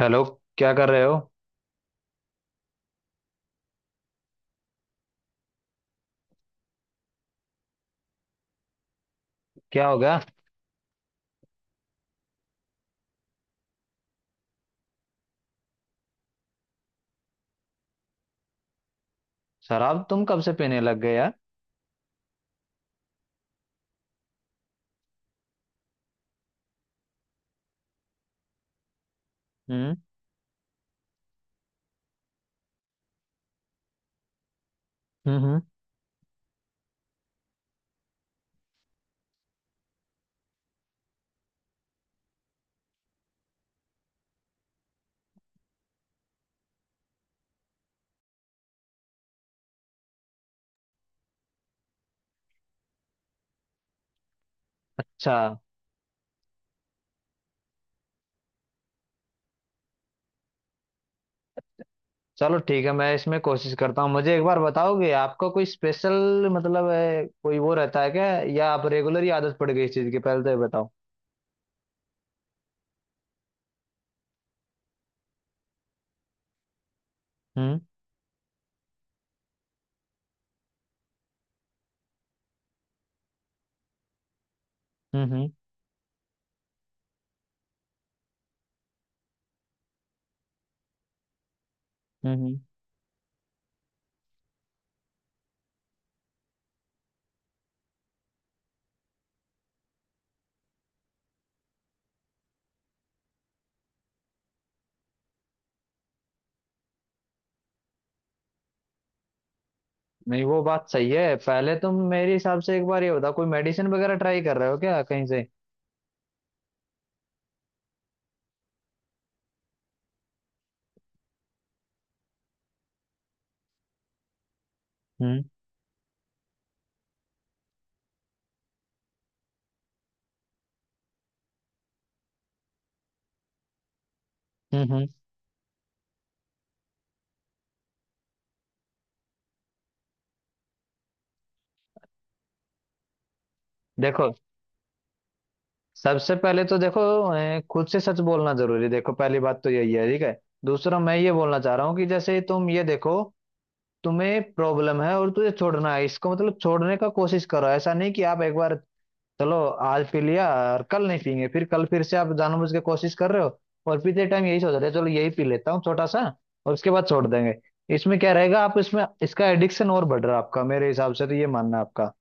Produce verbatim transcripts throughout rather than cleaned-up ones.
Hello. क्या कर रहे हो? क्या हो गया? शराब तुम कब से पीने लग गए यार? हम्म। हम्म, हम्म। अच्छा, चलो ठीक है, मैं इसमें कोशिश करता हूँ। मुझे एक बार बताओगे, आपका कोई स्पेशल मतलब है, कोई वो रहता है क्या, या आप रेगुलर ही आदत पड़ गई इस चीज की? पहले तो ये बताओ। हम्म, हम्म, हम्म, हम्म। नहीं, वो बात सही है। पहले तुम, मेरे हिसाब से, एक बार ये बताओ, कोई मेडिसिन वगैरह ट्राई कर रहे हो क्या कहीं से? हम्म, हम्म, हम्म। देखो, सबसे पहले तो देखो, अ, खुद से सच बोलना जरूरी है। देखो, पहली बात तो यही है, ठीक है। दूसरा, मैं ये बोलना चाह रहा हूँ कि जैसे तुम ये देखो, तुम्हें प्रॉब्लम है और तुझे छोड़ना है इसको, मतलब छोड़ने का कोशिश करो। ऐसा नहीं कि आप एक बार, चलो, आज पी लिया और कल नहीं पीएंगे, फिर कल फिर से आप जानबूझ के कोशिश कर रहे हो। और पीते टाइम यही सोच रहे हो, चलो यही पी लेता हूँ छोटा सा और उसके बाद छोड़ देंगे। इसमें क्या रहेगा? आप इसमें इसका एडिक्शन और बढ़ रहा है आपका, मेरे हिसाब से तो ये मानना है आपका।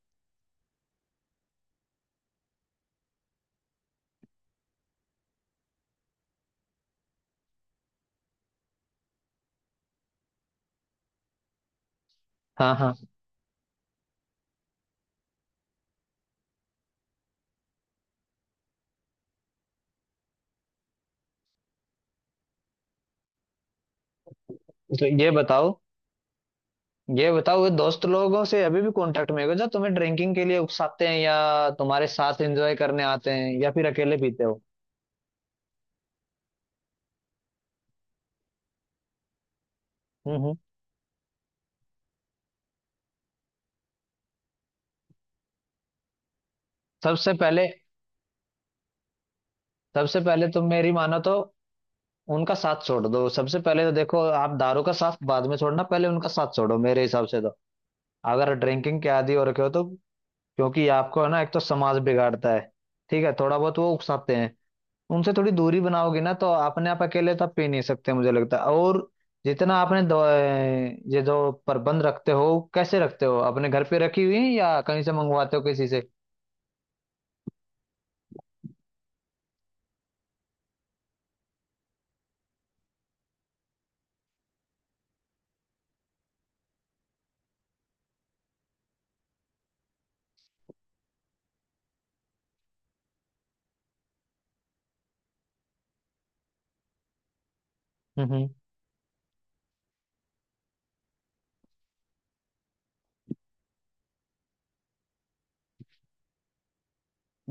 हाँ, हाँ। तो ये बताओ, ये बताओ ये दोस्त लोगों से अभी भी कांटेक्ट में हो, जो तुम्हें ड्रिंकिंग के लिए उकसाते हैं या तुम्हारे साथ एंजॉय करने आते हैं, या फिर अकेले पीते हो? हम्म, हम्म। सबसे पहले सबसे पहले तुम मेरी मानो तो उनका साथ छोड़ दो। सबसे पहले तो देखो, आप दारू का साथ बाद में छोड़ना, पहले उनका साथ छोड़ो, मेरे हिसाब से तो, अगर ड्रिंकिंग के आदी हो रखे हो तो। क्योंकि आपको, है ना, एक तो समाज बिगाड़ता है, ठीक है, थोड़ा बहुत वो उकसाते हैं। उनसे थोड़ी दूरी बनाओगे ना तो अपने आप, अकेले तो आप पी नहीं सकते मुझे लगता है। और जितना आपने दवा- ये जो प्रबंध रखते हो, कैसे रखते हो? अपने घर पे रखी हुई है या कहीं से मंगवाते हो किसी से? हम्म, हम्म।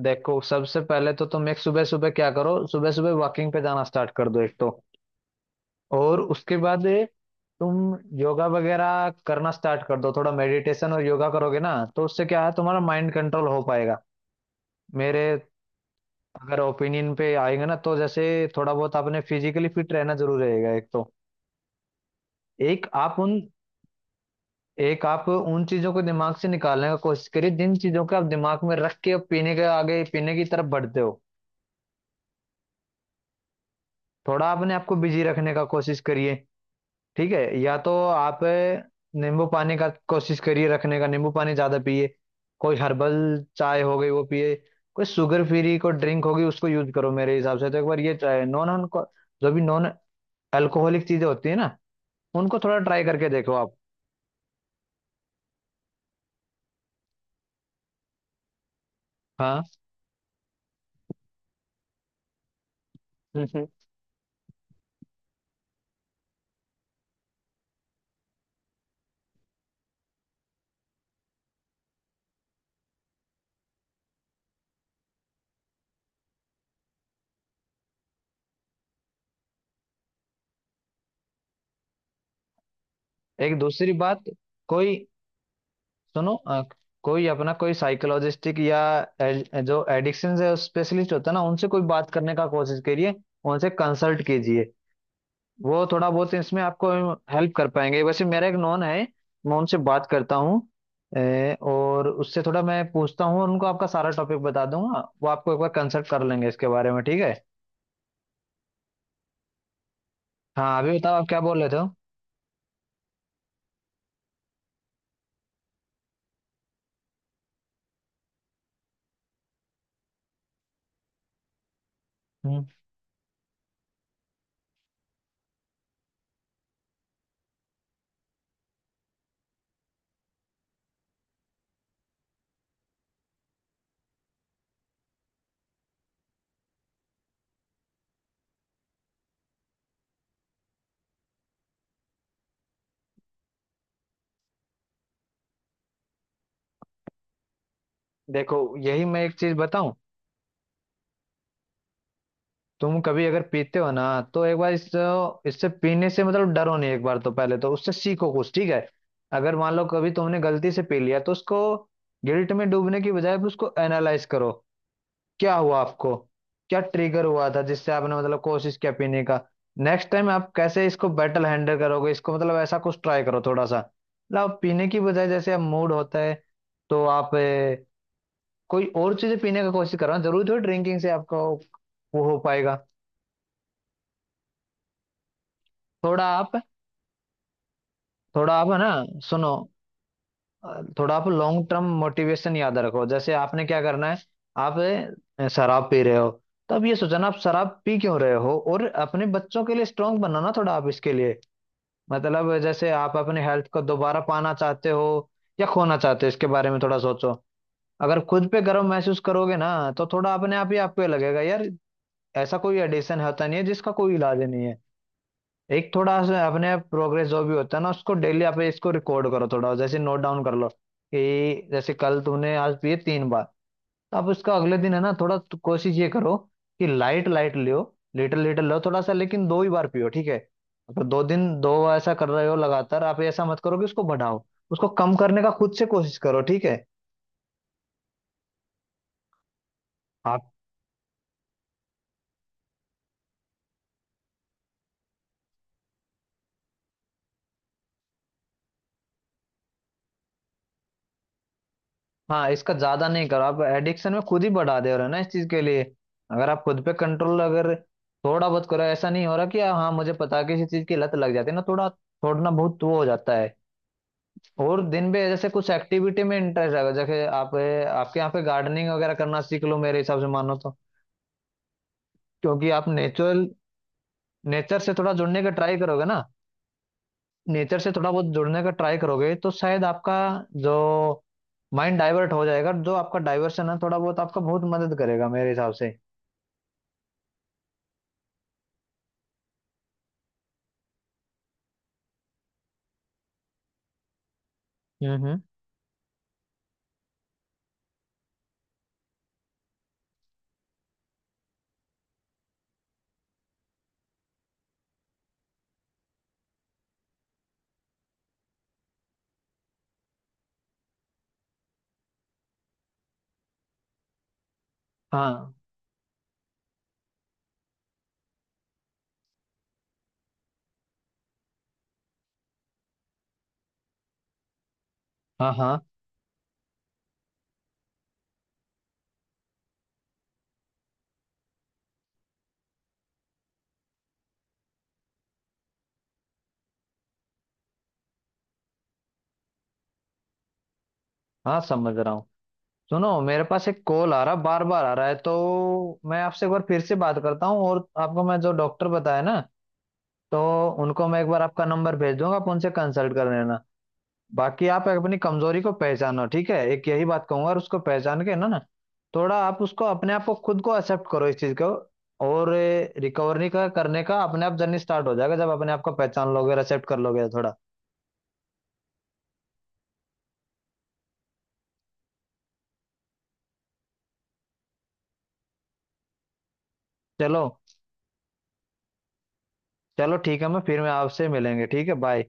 देखो, सबसे पहले तो तुम एक, सुबह सुबह क्या करो, सुबह सुबह वॉकिंग पे जाना स्टार्ट कर दो एक तो, और उसके बाद तुम योगा वगैरह करना स्टार्ट कर दो। थोड़ा मेडिटेशन और योगा करोगे ना तो उससे क्या है, तुम्हारा माइंड कंट्रोल हो पाएगा। मेरे अगर ओपिनियन पे आएंगे ना, तो जैसे थोड़ा बहुत आपने फिजिकली फिट रहना जरूर रहेगा एक तो। एक आप उन एक आप उन चीजों को दिमाग से निकालने का कोशिश करिए, जिन चीजों को आप दिमाग में रख के अब पीने के आगे पीने की तरफ बढ़ते हो। थोड़ा अपने आपको बिजी रखने का कोशिश करिए, ठीक है। या तो आप नींबू पानी का कोशिश करिए रखने का, नींबू पानी ज्यादा पिए, कोई हर्बल चाय हो गई वो पिए, कोई शुगर फ्री कोई ड्रिंक होगी उसको यूज करो मेरे हिसाब से तो। एक बार ये चाय, नॉन जो भी नॉन अल्कोहलिक चीजें होती है ना, उनको थोड़ा ट्राई करके देखो आप। हाँ, हम्म, हम्म। एक दूसरी बात, कोई, सुनो, अ, कोई अपना कोई साइकोलॉजिस्टिक या एड- जो एडिक्शन से स्पेशलिस्ट होता है ना, उनसे कोई बात करने का कोशिश करिए, उनसे कंसल्ट कीजिए। वो थोड़ा बहुत इसमें आपको हेल्प कर पाएंगे। वैसे मेरा एक नॉन है, मैं उनसे बात करता हूँ। ए, और उससे थोड़ा मैं पूछता हूँ, और उनको आपका सारा टॉपिक बता दूंगा, वो आपको एक बार कंसल्ट कर लेंगे इसके बारे में, ठीक है। हाँ, अभी बताओ आप क्या बोल रहे थे? हम्म। देखो, यही मैं एक चीज बताऊं, तुम कभी अगर पीते हो ना, तो एक बार इस इससे पीने से मतलब डरो नहीं, एक बार तो पहले तो उससे सीखो कुछ, ठीक है। अगर मान लो कभी तुमने गलती से पी लिया, तो उसको गिल्ट में डूबने की बजाय उसको एनालाइज करो। क्या हुआ आपको, क्या ट्रिगर हुआ था जिससे आपने मतलब कोशिश किया पीने का? नेक्स्ट टाइम आप कैसे इसको बेटर हैंडल करोगे इसको, मतलब ऐसा कुछ ट्राई करो थोड़ा सा। मतलब आप पीने की बजाय जैसे आप मूड होता है, तो आप ए, कोई और चीजें पीने का कोशिश करो, जरूर थोड़ी ड्रिंकिंग से आपको वो हो पाएगा। थोड़ा आप थोड़ा आप है ना, सुनो, अ, थोड़ा आप लॉन्ग टर्म मोटिवेशन याद रखो, जैसे आपने क्या करना है। आप अ, शराब पी रहे हो, तो अब ये सोचना आप शराब पी क्यों रहे हो, और अपने बच्चों के लिए स्ट्रांग बनना ना, थोड़ा आप इसके लिए, मतलब जैसे आप अपने हेल्थ को दोबारा पाना चाहते हो या खोना चाहते हो, इसके बारे में थोड़ा सोचो। अगर खुद पे गर्व महसूस करोगे ना, तो थोड़ा अपने आप ही आप पे लगेगा यार, ऐसा कोई एडिशन होता नहीं है जिसका कोई इलाज नहीं है। एक थोड़ा सा अपने प्रोग्रेस जो भी होता है ना, उसको डेली आप इसको रिकॉर्ड करो, थोड़ा जैसे नोट डाउन कर लो कि जैसे कल तुमने आज पिए तीन बार, तो आप उसका अगले दिन है ना, थोड़ा तो कोशिश ये करो कि लाइट लाइट लियो, लिटिल लिटिल लो, थोड़ा सा, लेकिन दो ही बार पियो, ठीक है। अगर दो दिन दो बार ऐसा कर रहे हो लगातार, आप ऐसा मत करो कि उसको बढ़ाओ, उसको कम करने का खुद से कोशिश करो, ठीक है। हाँ, इसका ज्यादा नहीं करो, आप एडिक्शन में खुद ही बढ़ा दे रहे हो ना इस चीज के लिए। अगर आप खुद पे कंट्रोल, अगर थोड़ा बहुत करो, ऐसा नहीं हो रहा कि, हाँ मुझे पता है, किसी चीज की लत लग जाती है ना, थोड़ा छोड़ना बहुत वो हो जाता है। और दिन में जैसे कुछ एक्टिविटी में इंटरेस्ट आएगा, जैसे आप, आपके यहाँ पे गार्डनिंग वगैरह करना सीख लो मेरे हिसाब से मानो तो, क्योंकि आप नेचुरल नेचर से थोड़ा जुड़ने का ट्राई करोगे ना, नेचर से थोड़ा बहुत जुड़ने का ट्राई करोगे तो शायद आपका जो माइंड डाइवर्ट हो जाएगा, जो आपका डाइवर्शन है, थोड़ा बहुत आपका बहुत मदद करेगा मेरे हिसाब से। हम्म, हम्म, हाँ, हाँ, हाँ। हाँ, समझ रहा हूँ। सुनो, मेरे पास एक कॉल आ रहा, बार बार आ रहा है, तो मैं आपसे एक बार फिर से बात करता हूँ। और आपको मैं जो डॉक्टर बताया ना, तो उनको मैं एक बार आपका नंबर भेज दूंगा, आप उनसे कंसल्ट कर लेना। बाकी आप अपनी कमजोरी को पहचानो, ठीक है, एक यही बात कहूंगा, और उसको पहचान के ना ना, थोड़ा आप उसको, अपने आप को, खुद को एक्सेप्ट करो इस चीज को, और रिकवरी का करने का अपने आप जर्नी स्टार्ट हो जाएगा, जब अपने आप को पहचान लोगे और accept कर लोगे थोड़ा। चलो, चलो ठीक है, मैं फिर मैं आपसे मिलेंगे, ठीक है, बाय।